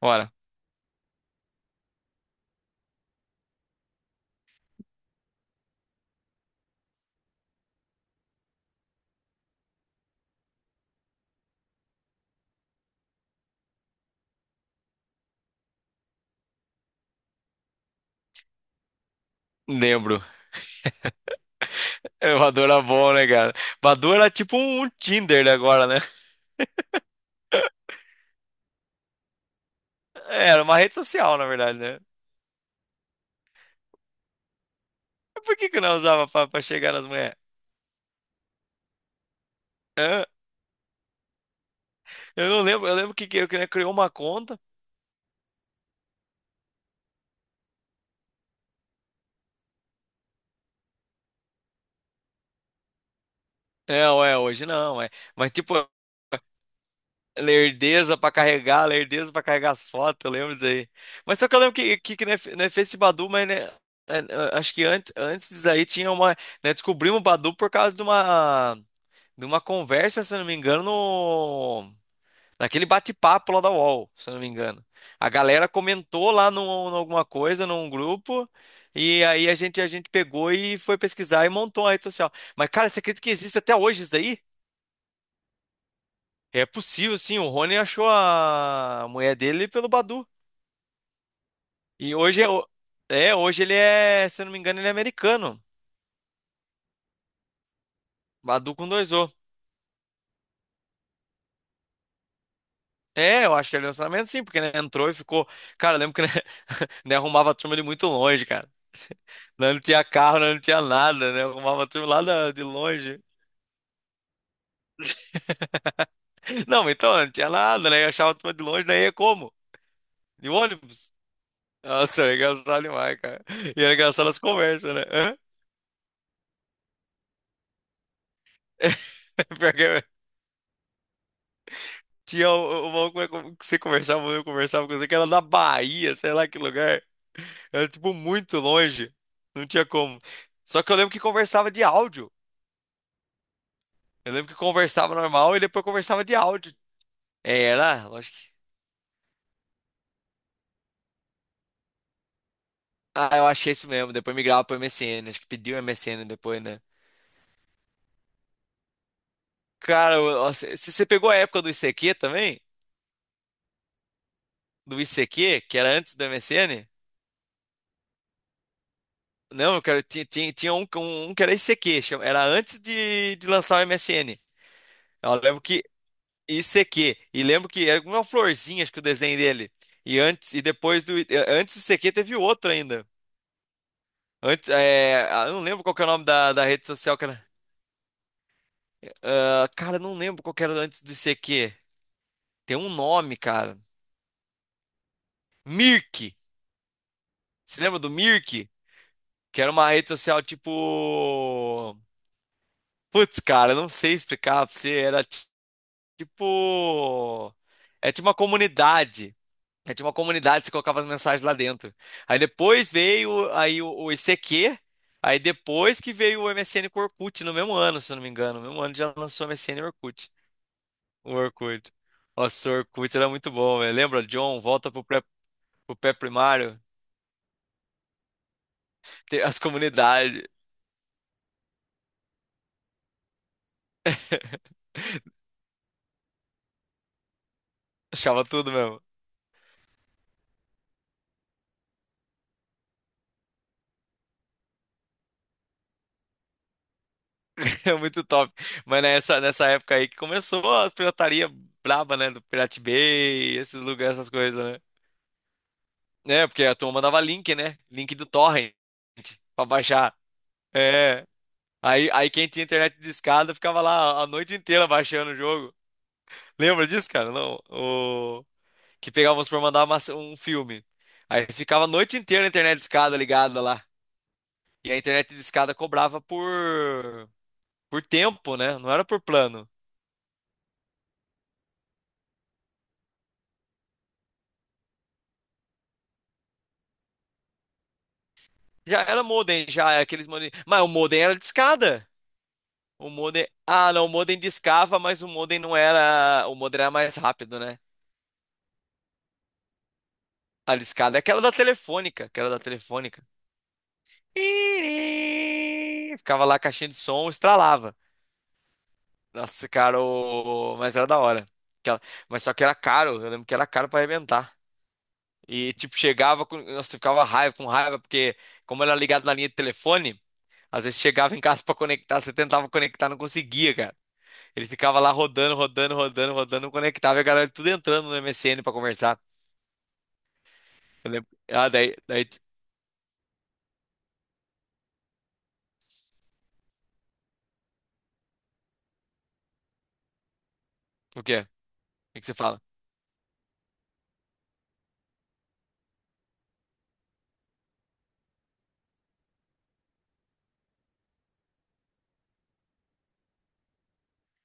Ora, lembro. É, Badoo era bom, né, cara? Badoo era tipo um Tinder agora, né? É, era uma rede social, na verdade, né? Mas por que eu não usava pra chegar nas mulheres? Hã? Eu não lembro, eu lembro que eu criou uma conta. É, ué, hoje não, é. Mas tipo, lerdeza pra carregar as fotos, eu lembro disso aí. Mas só que eu lembro que né, né, fez esse Badu, mas né, é, é, acho que antes, antes disso aí tinha uma. Né, descobrimos o Badu por causa de uma conversa, se eu não me engano, no naquele bate-papo lá da UOL, se eu não me engano. A galera comentou lá num, num alguma coisa, num grupo, e aí a gente pegou e foi pesquisar e montou a rede social. Mas, cara, você acredita que existe até hoje isso daí? É possível, sim. O Rony achou a mulher dele pelo Badu. E hoje é, é, hoje ele é, se eu não me engano, ele é americano. Badu com dois O. É, eu acho que é relacionamento sim, porque né, entrou e ficou. Cara, eu lembro que né, né, arrumava a turma de muito longe, cara. Não, não tinha carro, não, não tinha nada, né? Arrumava a turma lá de longe. Não, então não tinha nada, né? Eu achava a turma de longe, daí ia como? De ônibus? Nossa, era engraçado demais, cara. E era engraçado as conversas, né? Hã? Porque tinha o maluco que você conversava, eu conversava com você, que era da Bahia, sei lá que lugar. Era, tipo, muito longe. Não tinha como. Só que eu lembro que conversava de áudio. Eu lembro que conversava normal e depois conversava de áudio. É, era, eu acho que. Ah, eu achei isso mesmo. Depois migrava pro MSN. Acho que pediu MSN depois, né? Nossa, se você pegou a época do ICQ também? Do ICQ, que era antes do MSN? Não, eu quero. Tinha um que era ICQ, era antes de lançar o MSN. Eu lembro que ICQ. E lembro que era uma florzinha, acho que o desenho dele. E antes e depois do antes do ICQ teve outro ainda. Antes, é, ah, eu não lembro qual que é o nome da rede social, cara. Ah, cara, não lembro qual que era antes do ICQ. Tem um nome, cara. Mirk. Você lembra do Mirk? Que era uma rede social tipo. Putz, cara, eu não sei explicar pra você. Era tipo. É tipo uma comunidade. É, tinha uma comunidade, você colocava as mensagens lá dentro. Aí depois veio aí o ICQ, aí depois que veio o MSN com o Orkut, no mesmo ano, se eu não me engano. No mesmo ano já lançou o MSN e o Orkut. O Orkut. Nossa, o Orkut era muito bom, velho. Lembra, John? Pro pré-primário. Tem as comunidades. Achava tudo mesmo. É muito top. Mas nessa época aí que começou as pirataria braba, né? Do Pirate Bay, esses lugares, essas coisas, né? Né? Porque a turma mandava link, né? Link do torrent pra baixar. É. Aí quem tinha internet de discada ficava lá a noite inteira baixando o jogo. Lembra disso, cara? Não. O... Que pegávamos por mandar um filme. Aí ficava a noite inteira a internet de discada ligada lá. E a internet de discada cobrava por tempo, né? Não era por plano. Já era modem, já era aqueles modem. Mas o modem era de escada. O modem. Ah, não, o modem discava, mas o modem não era. O modem era mais rápido, né? A discada é aquela da telefônica, aquela da telefônica. Ih, ficava lá a caixinha de som, estralava. Nossa, cara, mas era da hora. Aquela... Mas só que era caro, eu lembro que era caro pra arrebentar. E tipo, chegava com. Nossa, eu ficava raiva, com raiva, porque como era ligado na linha de telefone, às vezes chegava em casa pra conectar, você tentava conectar, não conseguia, cara. Ele ficava lá rodando, não conectava e a galera tudo entrando no MSN pra conversar. Eu lembro. Ah, daí. O quê? O que que você fala?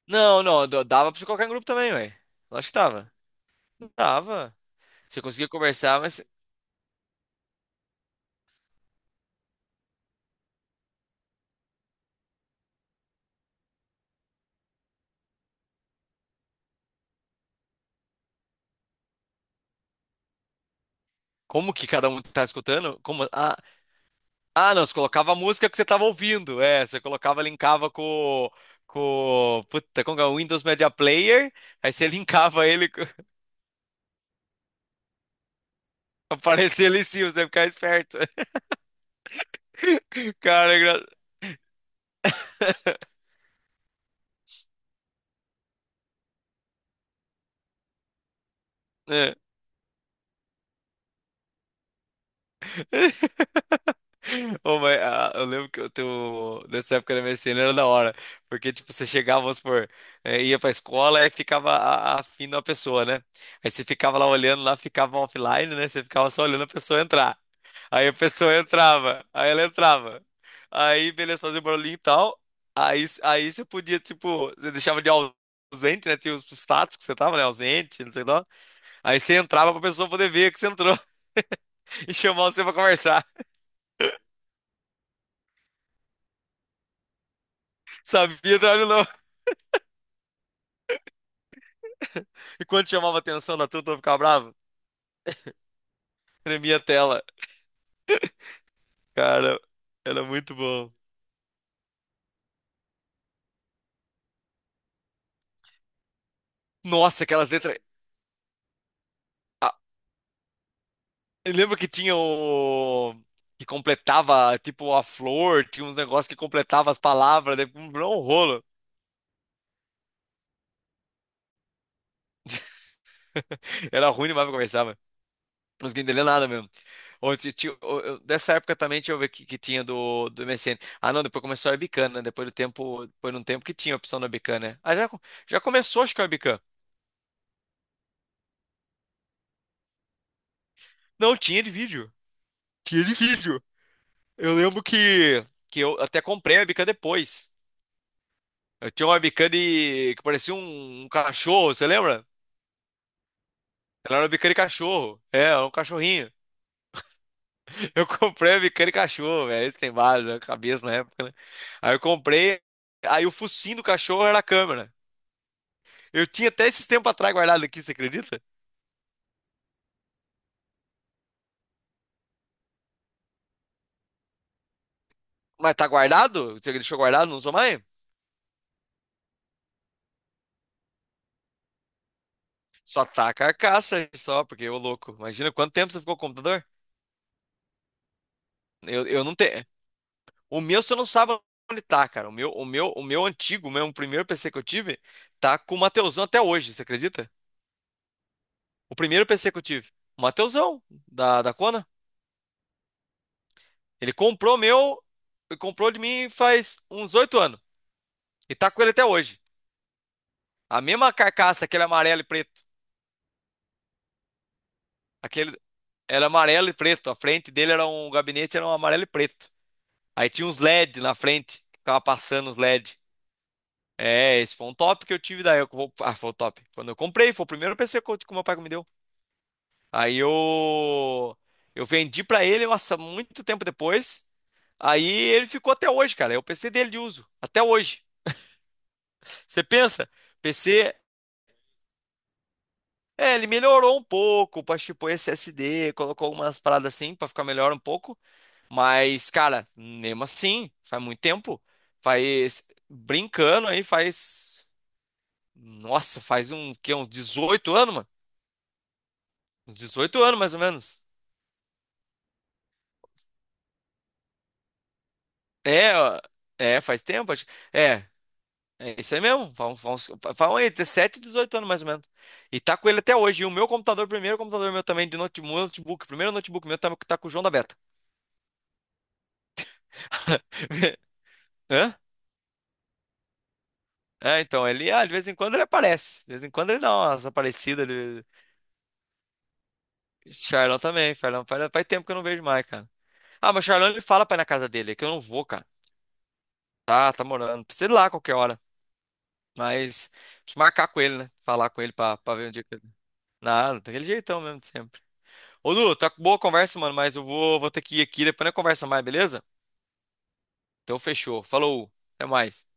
Não, não, dava pra você colocar em grupo também, ué. Lógico que dava. Dava. Você conseguia conversar, mas como que cada um tá escutando? Como... Ah, ah, não, você colocava a música que você tava ouvindo. É, você colocava, linkava com. Com. Puta, como que é? O Windows Media Player. Aí você linkava ele. Aparecia ali em cima, você ia ficar esperto. Cara, é engra... Ô, mas, ah, eu lembro que eu tenho, nessa época da MSN era da hora, porque tipo, você chegava, vamos supor, ia pra escola e ficava afim da pessoa, né? Aí você ficava lá olhando, lá ficava offline, né? Você ficava só olhando a pessoa entrar. Aí a pessoa entrava, aí ela entrava. Aí, beleza, fazia um barulhinho e tal. Aí você podia, tipo, você deixava de ausente, né? Tinha os status que você tava, né? Ausente, não sei lá. Aí você entrava pra pessoa poder ver que você entrou e chamar você pra conversar. Sabia, Drago, não. E quando chamava atenção da turma, eu ficava bravo. Tremia a tela. Cara, era muito bom. Nossa, aquelas letras. Ah, eu lembro que tinha o. Que completava, tipo, a flor, tinha uns negócios que completava as palavras, né? Um rolo. Era ruim demais pra conversar, mano. Não conseguia entender nada mesmo. Ou dessa época também, deixa eu ver que tinha do MSN. Ah, não, depois começou a Webcam, né? Depois do tempo, depois de um tempo que tinha a opção da Webcam, né? Ah, já, já começou, acho que a Webcam. Não, tinha de vídeo. Tinha de vídeo. Eu lembro que eu até comprei a webcam depois. Eu tinha uma webcam de, que parecia um cachorro, você lembra? Ela era uma webcam de cachorro. É, era um cachorrinho. Eu comprei a webcam de cachorro, velho. Esse tem base, a cabeça na época, né? Aí eu comprei, aí o focinho do cachorro era a câmera. Eu tinha até esses tempos atrás guardado aqui, você acredita? Mas tá guardado? Você deixou guardado, não usou mais? Só tá a carcaça só, porque ô louco. Imagina quanto tempo você ficou com o computador? Eu não tenho. O meu, você não sabe onde tá, cara. O meu antigo, o meu primeiro PC que eu tive, tá com o Mateusão até hoje, você acredita? O primeiro PC que eu tive. O Mateusão, da Kona. Ele comprou meu, Ele comprou de mim faz uns 8 anos. E tá com ele até hoje. A mesma carcaça, aquele amarelo e preto. Aquele era amarelo e preto. A frente dele era um gabinete, era um amarelo e preto. Aí tinha uns LED na frente, que ficava passando os LED. É, esse foi um top que eu tive daí. Ah, foi o top. Quando eu comprei, foi o primeiro PC que o meu pai me deu. Aí Eu vendi pra ele, nossa, muito tempo depois. Aí ele ficou até hoje, cara. É o PC dele de uso, até hoje. Você pensa, PC, é, ele melhorou um pouco, acho que pôs SSD, colocou algumas paradas assim pra ficar melhor um pouco, mas cara, mesmo assim, faz muito tempo, faz brincando aí faz nossa, faz um que uns 18 anos, mano. Uns 18 anos mais ou menos. É, ó, é, faz tempo, acho. É, é isso aí mesmo. Falam aí, 17, 18 anos mais ou menos. E tá com ele até hoje. E o meu computador, primeiro computador meu também, de notebook, primeiro notebook meu tá com o João da Beta. Hã? É, então, ele, ah, de vez em quando ele aparece. De vez em quando ele dá umas aparecidas. Ele... Charlão também, Charlão. Faz tempo que eu não vejo mais, cara. Ah, mas Charlão ele fala pra ir na casa dele, é que eu não vou, cara. Tá morando. Precisa ir lá a qualquer hora. Mas, preciso marcar com ele, né? Falar com ele pra, pra ver um dia que ele. Nada, daquele jeitão mesmo de sempre. Ô, Lu, tá boa a conversa, mano, mas eu vou, vou ter que ir aqui, depois a gente conversa mais, beleza? Então fechou. Falou. Até mais.